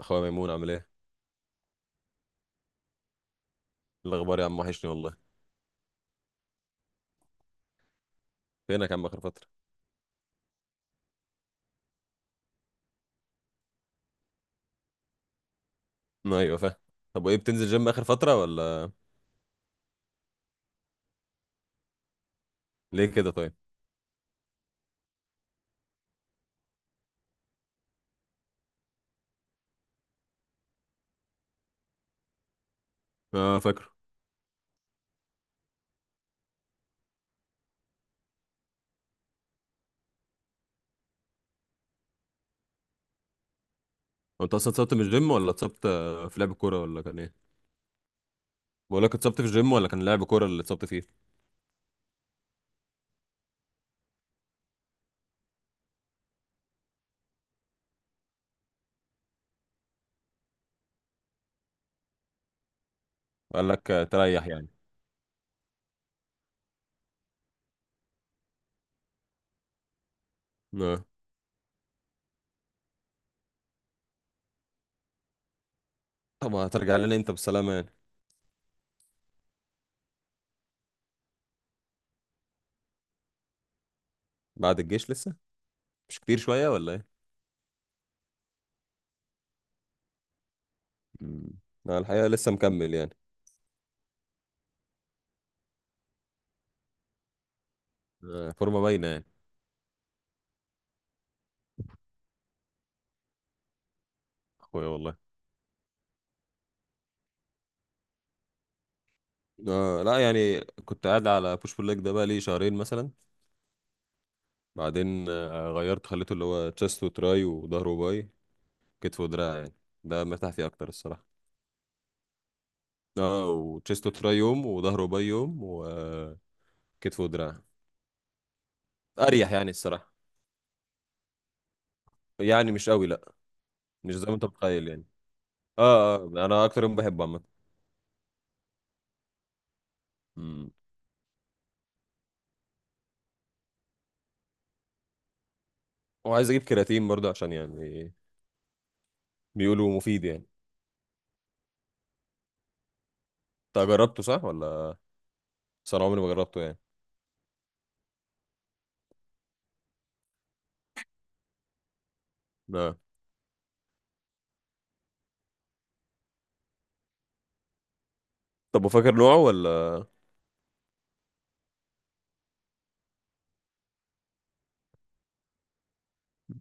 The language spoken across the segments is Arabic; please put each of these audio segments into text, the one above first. اخويا ميمون عامل إيه؟ الاخبار يا عم، وحشني والله. فينك يا عم اخر فتره؟ ايوه، فاهم. طب وايه، بتنزل جيم اخر فتره ولا؟ ليه كده طيب؟ اه، فاكره. هو انت اصلا اتصبت من الجيم ولا اتصبت في لعب كوره ولا كان ايه؟ بقول لك، اتصبت في الجيم ولا كان لعب كوره اللي اتصبت فيه؟ قال لك تريح يعني؟ اه. طب هترجع لنا انت بالسلامه يعني؟ بعد الجيش لسه؟ مش كتير شويه ولا ايه؟ مم. انا الحقيقه لسه مكمل يعني. فورمه باينه يعني. اخويا والله. اه لا، يعني كنت قاعد على بوش بول ليج، ده بقى لي شهرين مثلا. بعدين غيرت، خليته اللي هو تشيست وتراي وظهر وباي، كتف ودراع يعني. ده مرتاح فيه اكتر الصراحه. اه، وتشيست وتراي يوم، وظهر وباي يوم، وكتف ودراع. اريح يعني الصراحه. يعني مش قوي، لا. مش زي ما انت متخيل يعني. اه، اه، انا اكتر يوم بحبه عامه. أمم. وعايز اجيب كرياتين برضه، عشان يعني بيقولوا مفيد يعني. انت جربته، صح ولا؟ بس انا عمري ما جربته يعني. لا. طب، وفاكر نوعه ولا؟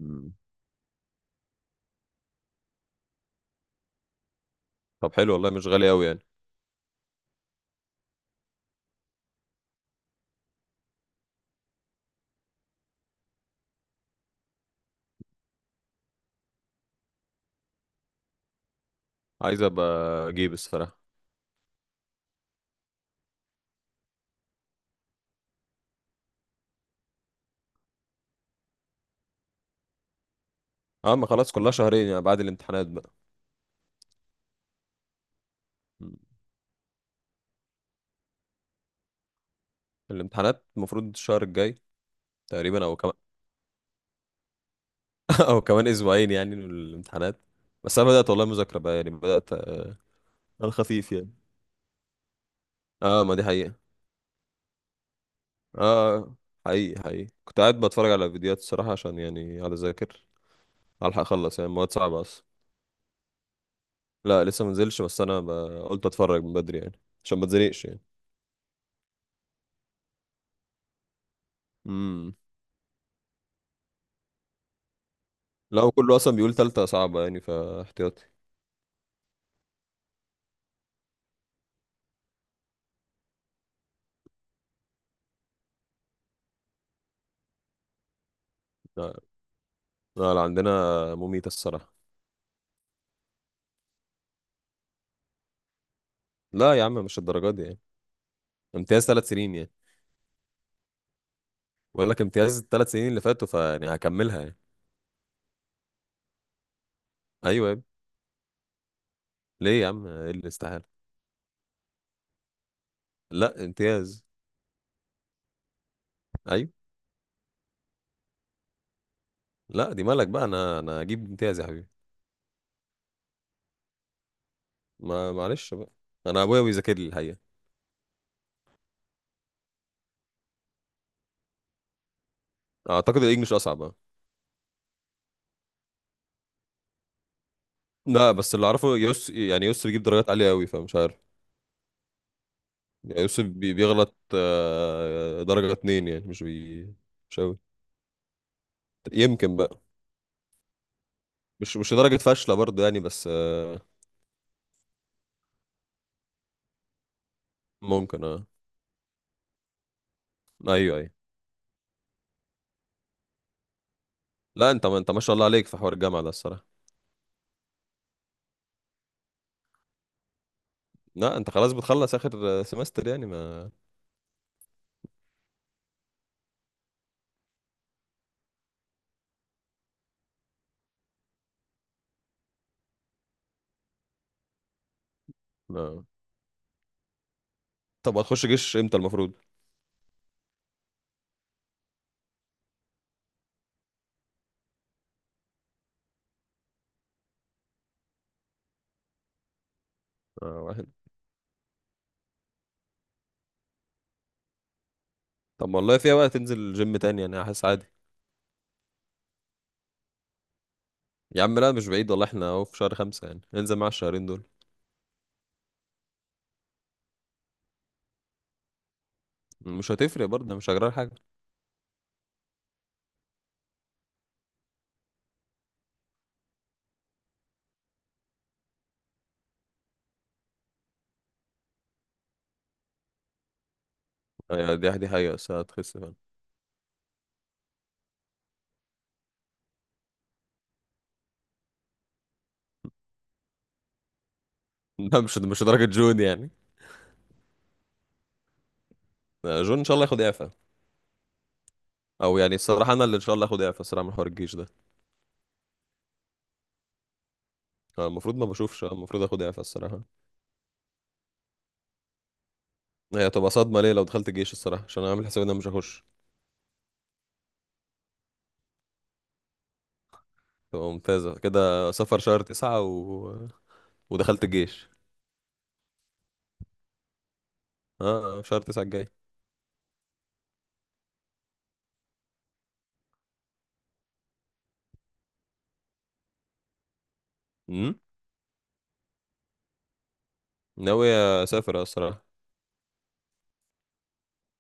أمم. طب حلو والله، مش غالي قوي يعني. عايز ابقى اجيب الصراحه. اه، ما خلاص كلها شهرين يعني، بعد الامتحانات بقى. مم. الامتحانات المفروض الشهر الجاي، تقريبا او كمان، او كمان اسبوعين يعني من الامتحانات. بس انا بدات والله مذاكره بقى يعني، بدات على الخفيف يعني. اه، ما دي حقيقه. اه، حقيقي حقيقي كنت قاعد بتفرج على فيديوهات الصراحه، عشان يعني على ذاكر الحق اخلص يعني، مواد صعبه اصلا. لا لسه ما نزلش، بس انا قلت اتفرج من بدري يعني عشان ما اتزنقش يعني. امم. لا، وكله اصلا بيقول تالتة صعبة يعني، فاحتياطي. لا، لا، لا، عندنا مميتة الصراحة. لا يا عم، مش الدرجات دي يعني. امتياز 3 سنين يعني. بقول لك امتياز الثلاث سنين اللي فاتوا، فيعني هكملها يعني. ايوه يا ابني. ليه يا عم، ايه اللي استحاله؟ لا، امتياز. ايوه. لا، دي مالك بقى، انا هجيب امتياز يا حبيبي. ما معلش بقى. انا ابويا بيذاكر لي الحقيقه. اعتقد الانجليش اصعب بقى. لا بس اللي اعرفه يوس، يعني يوس بيجيب درجات عاليه قوي، فمش عارف. يعني يوس بيغلط درجه اتنين يعني، مش بي. مش قوي. يمكن بقى. مش درجه فاشله برضه يعني، بس ممكن، اه. ايوه، ايوه. لا انت، ما انت ما شاء الله عليك في حوار الجامعه ده الصراحه. لا انت خلاص بتخلص اخر سمستر يعني ما... طب هتخش جيش امتى المفروض؟ واحد. طب والله فيها بقى، تنزل جيم تاني يعني، حاسس عادي. يا عم لا، مش بعيد والله، احنا اهو في شهر خمسة يعني، ننزل مع الشهرين دول. مش هتفرق برضه، مش هجرى حاجة. يعني دي حقيقة، بس هتخس فعلا. لا، مش لدرجة جون يعني. جون ان شاء الله ياخد اعفاء. او يعني الصراحة انا اللي ان شاء الله اخد اعفاء الصراحة من حوار الجيش ده. المفروض ما بشوفش، المفروض اخد اعفاء الصراحة. هي هتبقى صدمة ليه لو دخلت الجيش الصراحة؟ عشان انا عامل حسابي ان انا مش هخش. تبقى ممتازة كده، سفر شهر تسعة و ودخلت الجيش. اه، شهر تسعة الجاي. امم. ناوي. اسافر الصراحه.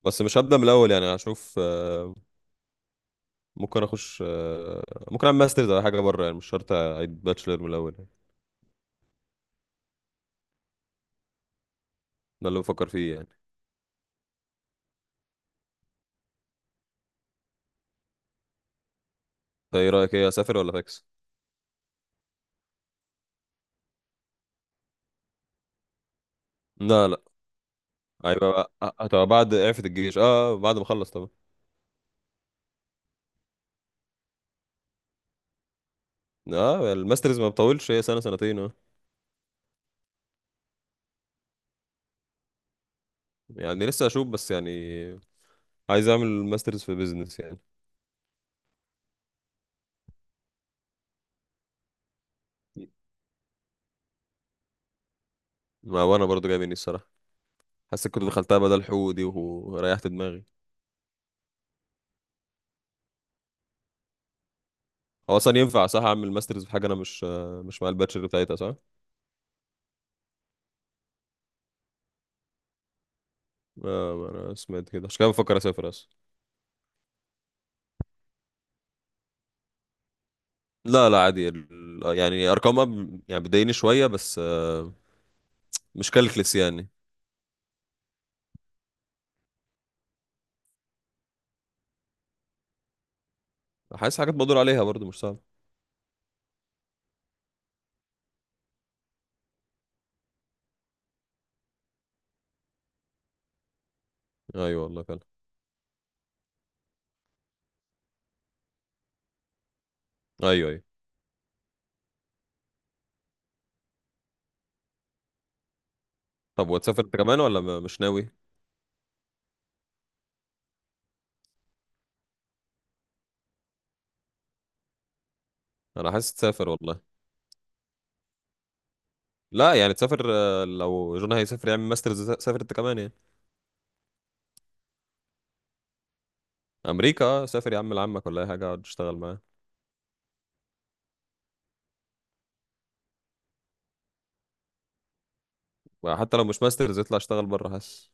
بس مش هبدا من الاول يعني، هشوف ممكن اخش ممكن اعمل ماسترز على حاجه بره يعني، مش شرط اعيد باتشلر من الاول يعني. ده اللي بفكر فيه يعني. طيب ايه رايك، ايه، اسافر ولا فاكس؟ لا، لا. هتبقى بعد اعفة الجيش، اه بعد ما اخلص طبعا. اه، الماسترز ما بطولش، هي سنه سنتين، اه. يعني لسه اشوف بس يعني. عايز اعمل ماسترز في بيزنس يعني. ما وانا برضو جاي مني الصراحه. حسيت كنت دخلتها بدل حقوق دي، وريحت دماغي. هو اصلا ينفع صح اعمل ماسترز في حاجه انا مش مع الباتشر بتاعتها صح؟ انا سمعت كده، عشان كده بفكر اسافر اصلا. لا، لا، عادي يعني ارقامها يعني بتضايقني شويه بس مش كالكلس يعني. حاسس حاجات بدور عليها برضو مش صعبه. ايوه والله فعلا. ايوه، ايوه. طب وتسافر انت كمان ولا مش ناوي؟ انا حاسس تسافر والله. لا يعني تسافر، لو جون هيسافر يعمل ماسترز، سافر انت كمان يعني. امريكا، سافر يا عم لعمك ولا اي حاجه، اقعد اشتغل معاه. حتى لو مش ماسترز، يطلع اشتغل بره حاسس.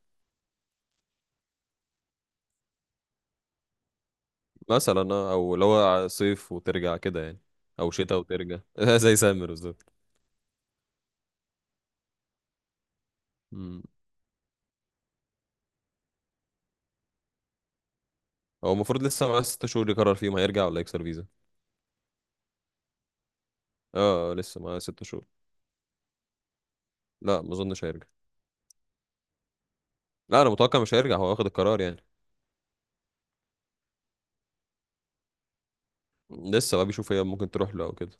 مثلا، او اللي هو صيف وترجع كده يعني، او شتاء وترجع زي سامر بالظبط. مم. هو المفروض لسه معاه 6 شهور يقرر فيهم، هيرجع ولا يكسر فيزا؟ اه، لسه معاه ست شهور. لا ما اظنش هيرجع. لا، انا متوقع مش هيرجع، هو واخد القرار يعني. لسه بقى بيشوف، هي ممكن تروح له او كده،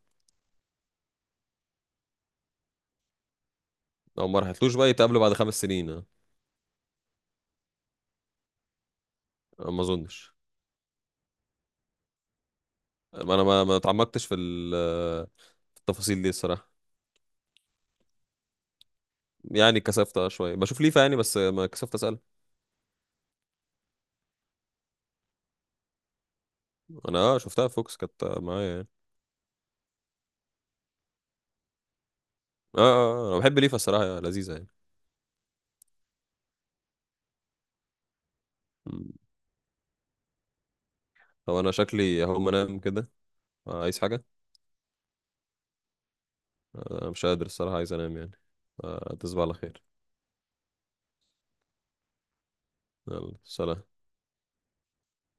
او ما راحتلوش بقى، يتقابلوا بعد 5 سنين آه. آه، ما اظنش. ما انا ما اتعمقتش في في التفاصيل دي الصراحه. يعني كسفت شويه بشوف ليفا يعني، بس ما كسفت اسال. انا، اه، شفتها في فوكس كانت معايا يعني. اه، اه، انا بحب ليفا الصراحه لذيذه. يعني هو انا شكلي هقوم انام كده. عايز حاجة؟ أنا مش قادر الصراحة، عايز انام يعني. تصبح على خير. يلا سلام.